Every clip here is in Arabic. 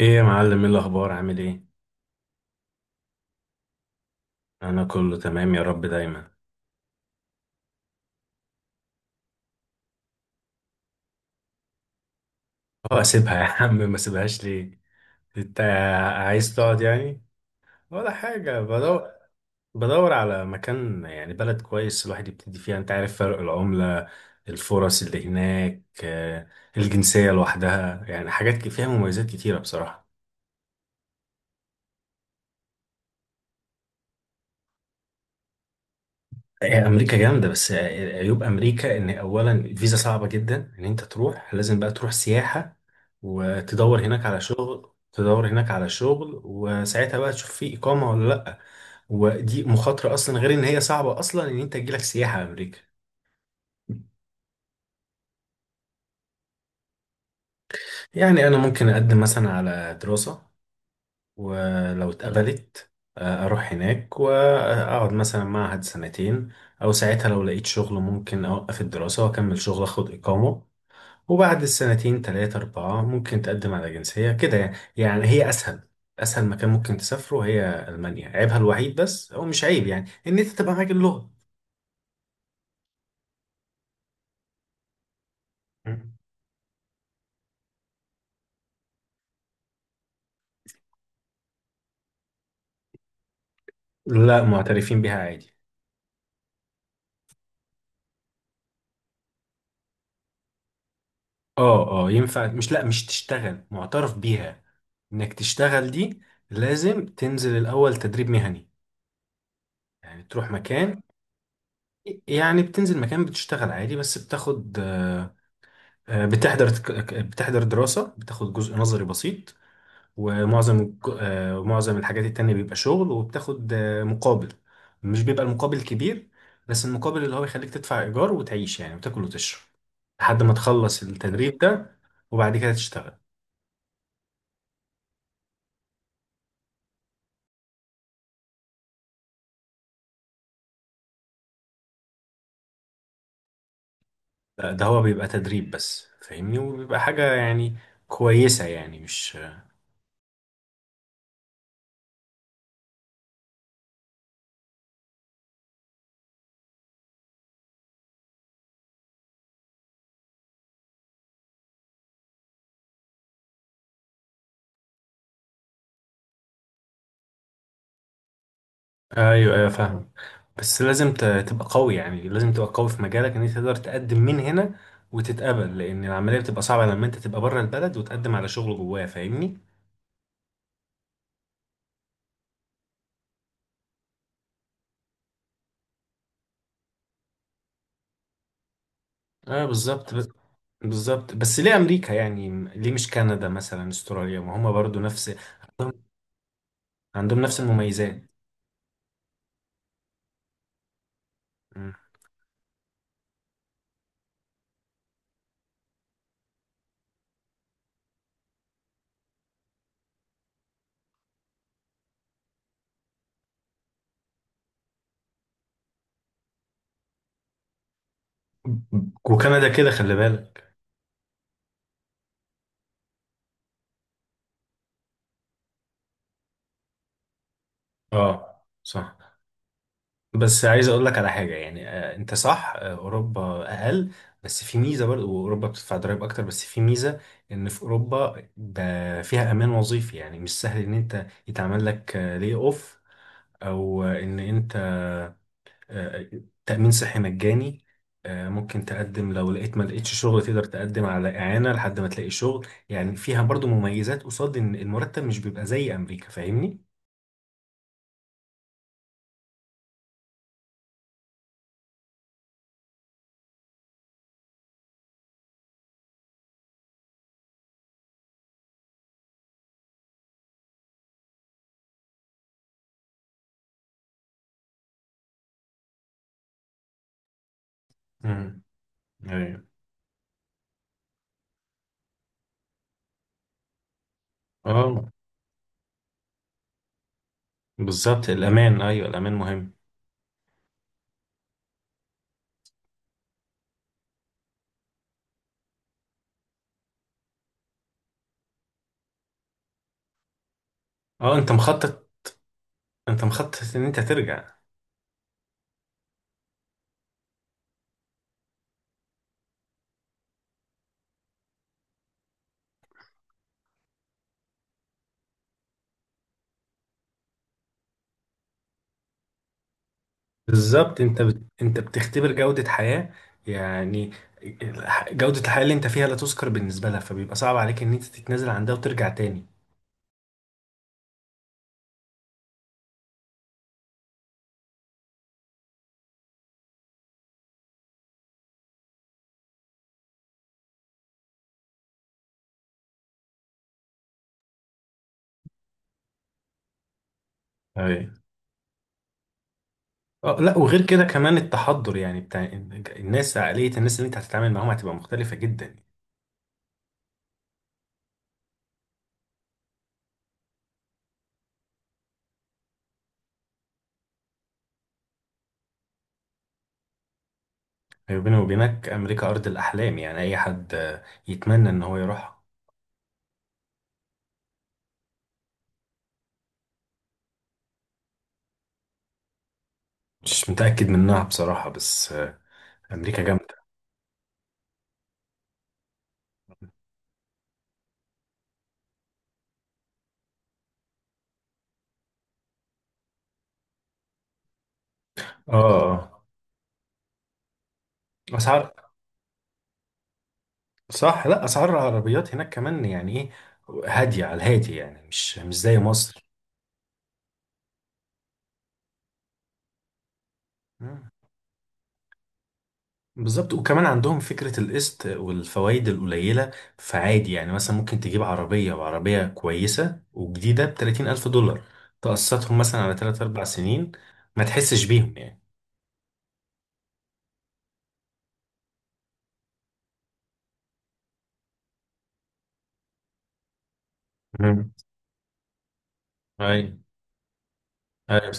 ايه يا معلم، ايه الاخبار؟ عامل ايه؟ انا كله تمام يا رب دايما. اه اسيبها يا عم، ما سيبهاش ليه؟ انت عايز تقعد يعني ولا حاجه؟ بدور، بدور على مكان يعني بلد كويس الواحد يبتدي فيها، انت عارف فرق العمله، الفرص اللي هناك، الجنسيه لوحدها يعني حاجات فيها مميزات كتيره بصراحه. هي امريكا جامده، بس عيوب امريكا ان اولا الفيزا صعبه جدا، ان انت تروح لازم بقى تروح سياحه وتدور هناك على شغل، وساعتها بقى تشوف في اقامه ولا لا. ودي مخاطره اصلا، غير ان هي صعبه اصلا ان انت تجيلك سياحه امريكا. يعني انا ممكن اقدم مثلا على دراسه، ولو اتقبلت اروح هناك واقعد مثلا معهد سنتين، او ساعتها لو لقيت شغل ممكن اوقف الدراسه واكمل شغل اخد اقامه. وبعد السنتين تلاتة أربعة ممكن تقدم على جنسية كده، يعني هي أسهل، أسهل مكان ممكن تسافره هي ألمانيا. عيبها الوحيد، بس هو مش عيب، يعني إن أنت تبقى معاك اللغة. مم. لا، معترفين بيها عادي. اه اه ينفع، مش لا مش تشتغل، معترف بيها انك تشتغل، دي لازم تنزل الاول تدريب مهني، يعني تروح مكان، يعني بتنزل مكان بتشتغل عادي بس بتاخد بتحضر بتحضر دراسة، بتاخد جزء نظري بسيط، ومعظم ومعظم الحاجات التانية بيبقى شغل، وبتاخد مقابل. مش بيبقى المقابل كبير، بس المقابل اللي هو يخليك تدفع إيجار وتعيش يعني، وتاكل وتشرب لحد ما تخلص التدريب ده، وبعد كده تشتغل. لا، ده هو بيبقى تدريب بس فاهمني، وبيبقى حاجة يعني كويسة يعني مش. ايوه ايوه فاهم. بس لازم تبقى قوي، يعني لازم تبقى قوي في مجالك ان انت تقدر تقدم من هنا وتتقبل، لان العملية بتبقى صعبة لما انت تبقى بره البلد وتقدم على شغل جواه، فاهمني؟ اه بالظبط. بالظبط، بس ليه امريكا يعني؟ ليه مش كندا مثلا، استراليا، ما هما برضو نفس، عندهم نفس المميزات. مم. وكندا كده خلي بالك. اه صح، بس عايز اقول لك على حاجه يعني، آه انت صح، آه اوروبا اقل، بس في ميزه برضو. واوروبا بتدفع ضرائب اكتر، بس في ميزه ان في اوروبا ده فيها امان وظيفي، يعني مش سهل ان انت يتعمل لك آه لي اوف، او آه، ان انت آه، تأمين صحي مجاني. ممكن تقدم لو لقيت ما لقيتش شغل، تقدر تقدم على إعانة لحد ما تلاقي شغل، يعني فيها برضو مميزات قصاد إن المرتب مش بيبقى زي أمريكا، فاهمني؟ امم. ايوه. اه بالظبط، الأمان أيوه، الأمان مهم. اه أنت مخطط، إن أنت ترجع؟ بالظبط. أنت بتختبر جودة حياة يعني، جودة الحياة اللي أنت فيها لا تذكر بالنسبة لها، فبيبقى صعب عليك إن أنت تتنازل عن ده وترجع تاني. ايوه. اه لا، وغير كده كمان التحضر يعني بتاع الناس، عقلية الناس اللي انت هتتعامل معاهم هتبقى مختلفة جدا. يعني بيني وبينك أمريكا أرض الأحلام، يعني أي حد يتمنى إن هو يروحها. مش متأكد منها بصراحة، بس أمريكا جامدة. اه اه. أسعار، صح، لا أسعار العربيات هناك كمان يعني إيه، هادية على الهادي يعني، مش مش زي مصر. بالظبط، وكمان عندهم فكرة القسط والفوائد القليلة، فعادي يعني مثلا ممكن تجيب عربية، وعربية كويسة وجديدة ب30,000 دولار، تقسطهم مثلا على تلات أربع سنين ما تحسش بيهم يعني. مم. أي. أي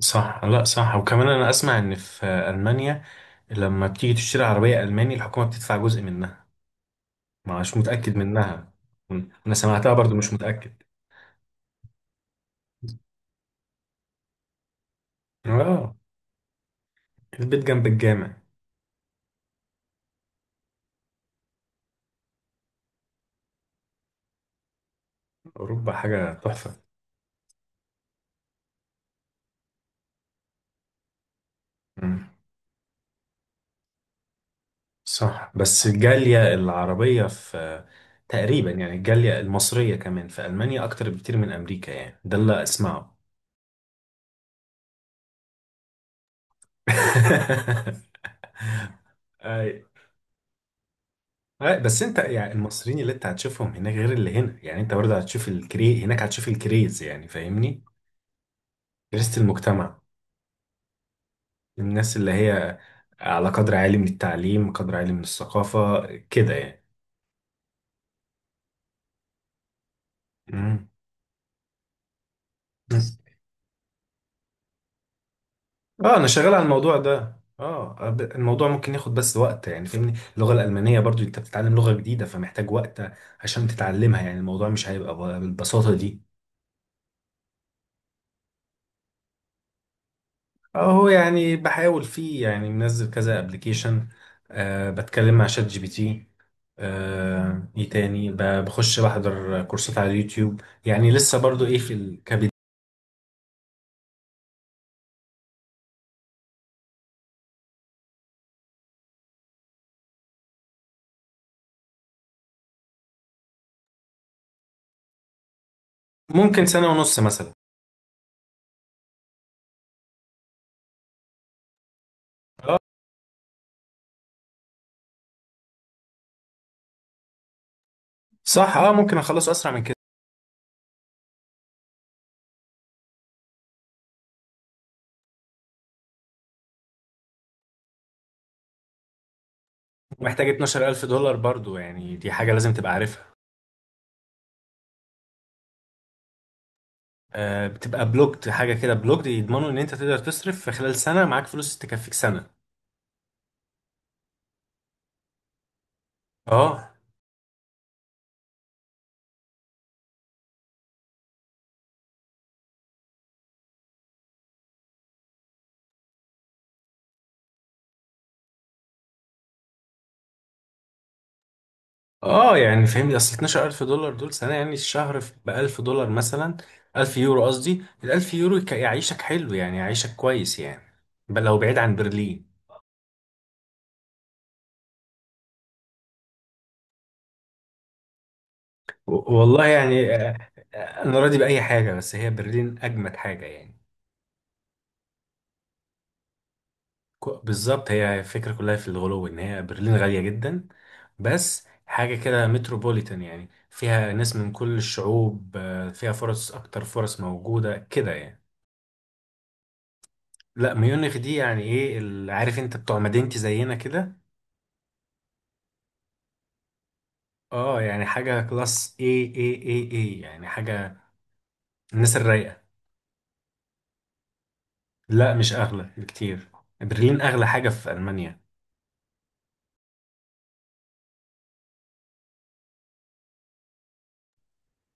صح، لا صح. وكمان أنا أسمع إن في ألمانيا لما بتيجي تشتري عربية ألماني الحكومة بتدفع جزء منها، مش متأكد منها. مم. أنا سمعتها برضو مش متأكد. آه البيت جنب الجامع. أوروبا حاجة تحفة. صح، بس الجالية العربية في تقريبا يعني، الجالية المصرية كمان في ألمانيا أكتر بكتير من أمريكا، يعني ده اللي أسمعه. أي. أي، بس أنت يعني المصريين اللي أنت هتشوفهم هناك غير اللي هنا، يعني أنت برضه هتشوف الكري هناك، هتشوف الكريز يعني فاهمني، كريزة المجتمع، الناس اللي هي على قدر عالي من التعليم، قدر عالي من الثقافة كده يعني. مم. اه انا شغال على الموضوع ده، اه الموضوع ممكن ياخد بس وقت يعني فاهمني، اللغه الالمانيه برضو انت بتتعلم لغه جديده فمحتاج وقت عشان تتعلمها، يعني الموضوع مش هيبقى بالبساطه دي. اهو يعني بحاول فيه، يعني منزل كذا ابلكيشن، آه بتكلم مع شات جي بي تي، آه ايه تاني بخش بحضر كورسات على اليوتيوب، يعني لسه برضو ايه في الكبد. ممكن سنه ونص مثلا. اه صح اه ممكن اخلص اسرع من كده. محتاج 12,000 دولار برضو، يعني دي حاجه لازم تبقى عارفها. بتبقى بلوكد، حاجه كده بلوكد، يضمنوا ان انت تقدر تصرف في خلال سنه، معاك فلوس تكفيك سنه. اه اه يعني فهمني، اصل 12,000 دولار دول سنه، يعني الشهر ب 1000 دولار مثلا، 1000 يورو قصدي، ال 1000 يورو يعيشك حلو يعني يعيشك كويس يعني، بل لو بعيد عن برلين. والله يعني انا راضي باي حاجه، بس هي برلين اجمد حاجه يعني. بالظبط، هي الفكرة كلها في الغلو ان هي برلين غالية جدا، بس حاجة كده متروبوليتان، يعني فيها ناس من كل الشعوب، فيها فرص اكتر، فرص موجودة كده يعني. لا ميونخ دي يعني ايه عارف انت بتوع مدينتي زينا كده. اه يعني حاجة كلاس، اي اي اي اي يعني حاجة، الناس الرايقة. لا مش اغلى بكتير، برلين اغلى حاجة في المانيا.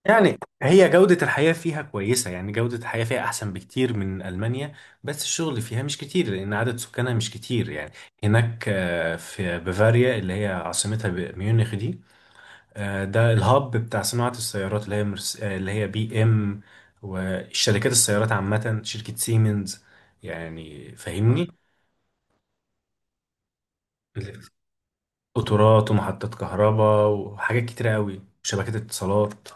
يعني هي جودة الحياة فيها كويسة، يعني جودة الحياة فيها أحسن بكتير من ألمانيا، بس الشغل فيها مش كتير لأن عدد سكانها مش كتير يعني. هناك في بافاريا اللي هي عاصمتها ميونخ دي، ده الهاب بتاع صناعة السيارات اللي هي مرس... آه، اللي هي بي إم والشركات السيارات عامة، شركة سيمنز يعني فاهمني. قطارات ومحطات كهرباء وحاجات كتيرة قوي وشبكات اتصالات.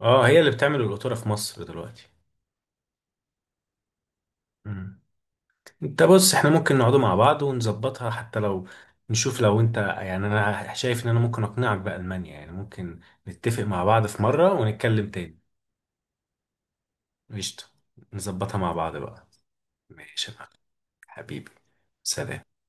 اه هي اللي بتعمل القطورة في مصر دلوقتي. مم. انت بص، احنا ممكن نقعدوا مع بعض ونظبطها، حتى لو نشوف، لو انت يعني انا شايف ان انا ممكن اقنعك بألمانيا، يعني ممكن نتفق مع بعض في مرة ونتكلم تاني. قشطة، نظبطها مع بعض بقى. ماشي يا معلم. حبيبي، سلام.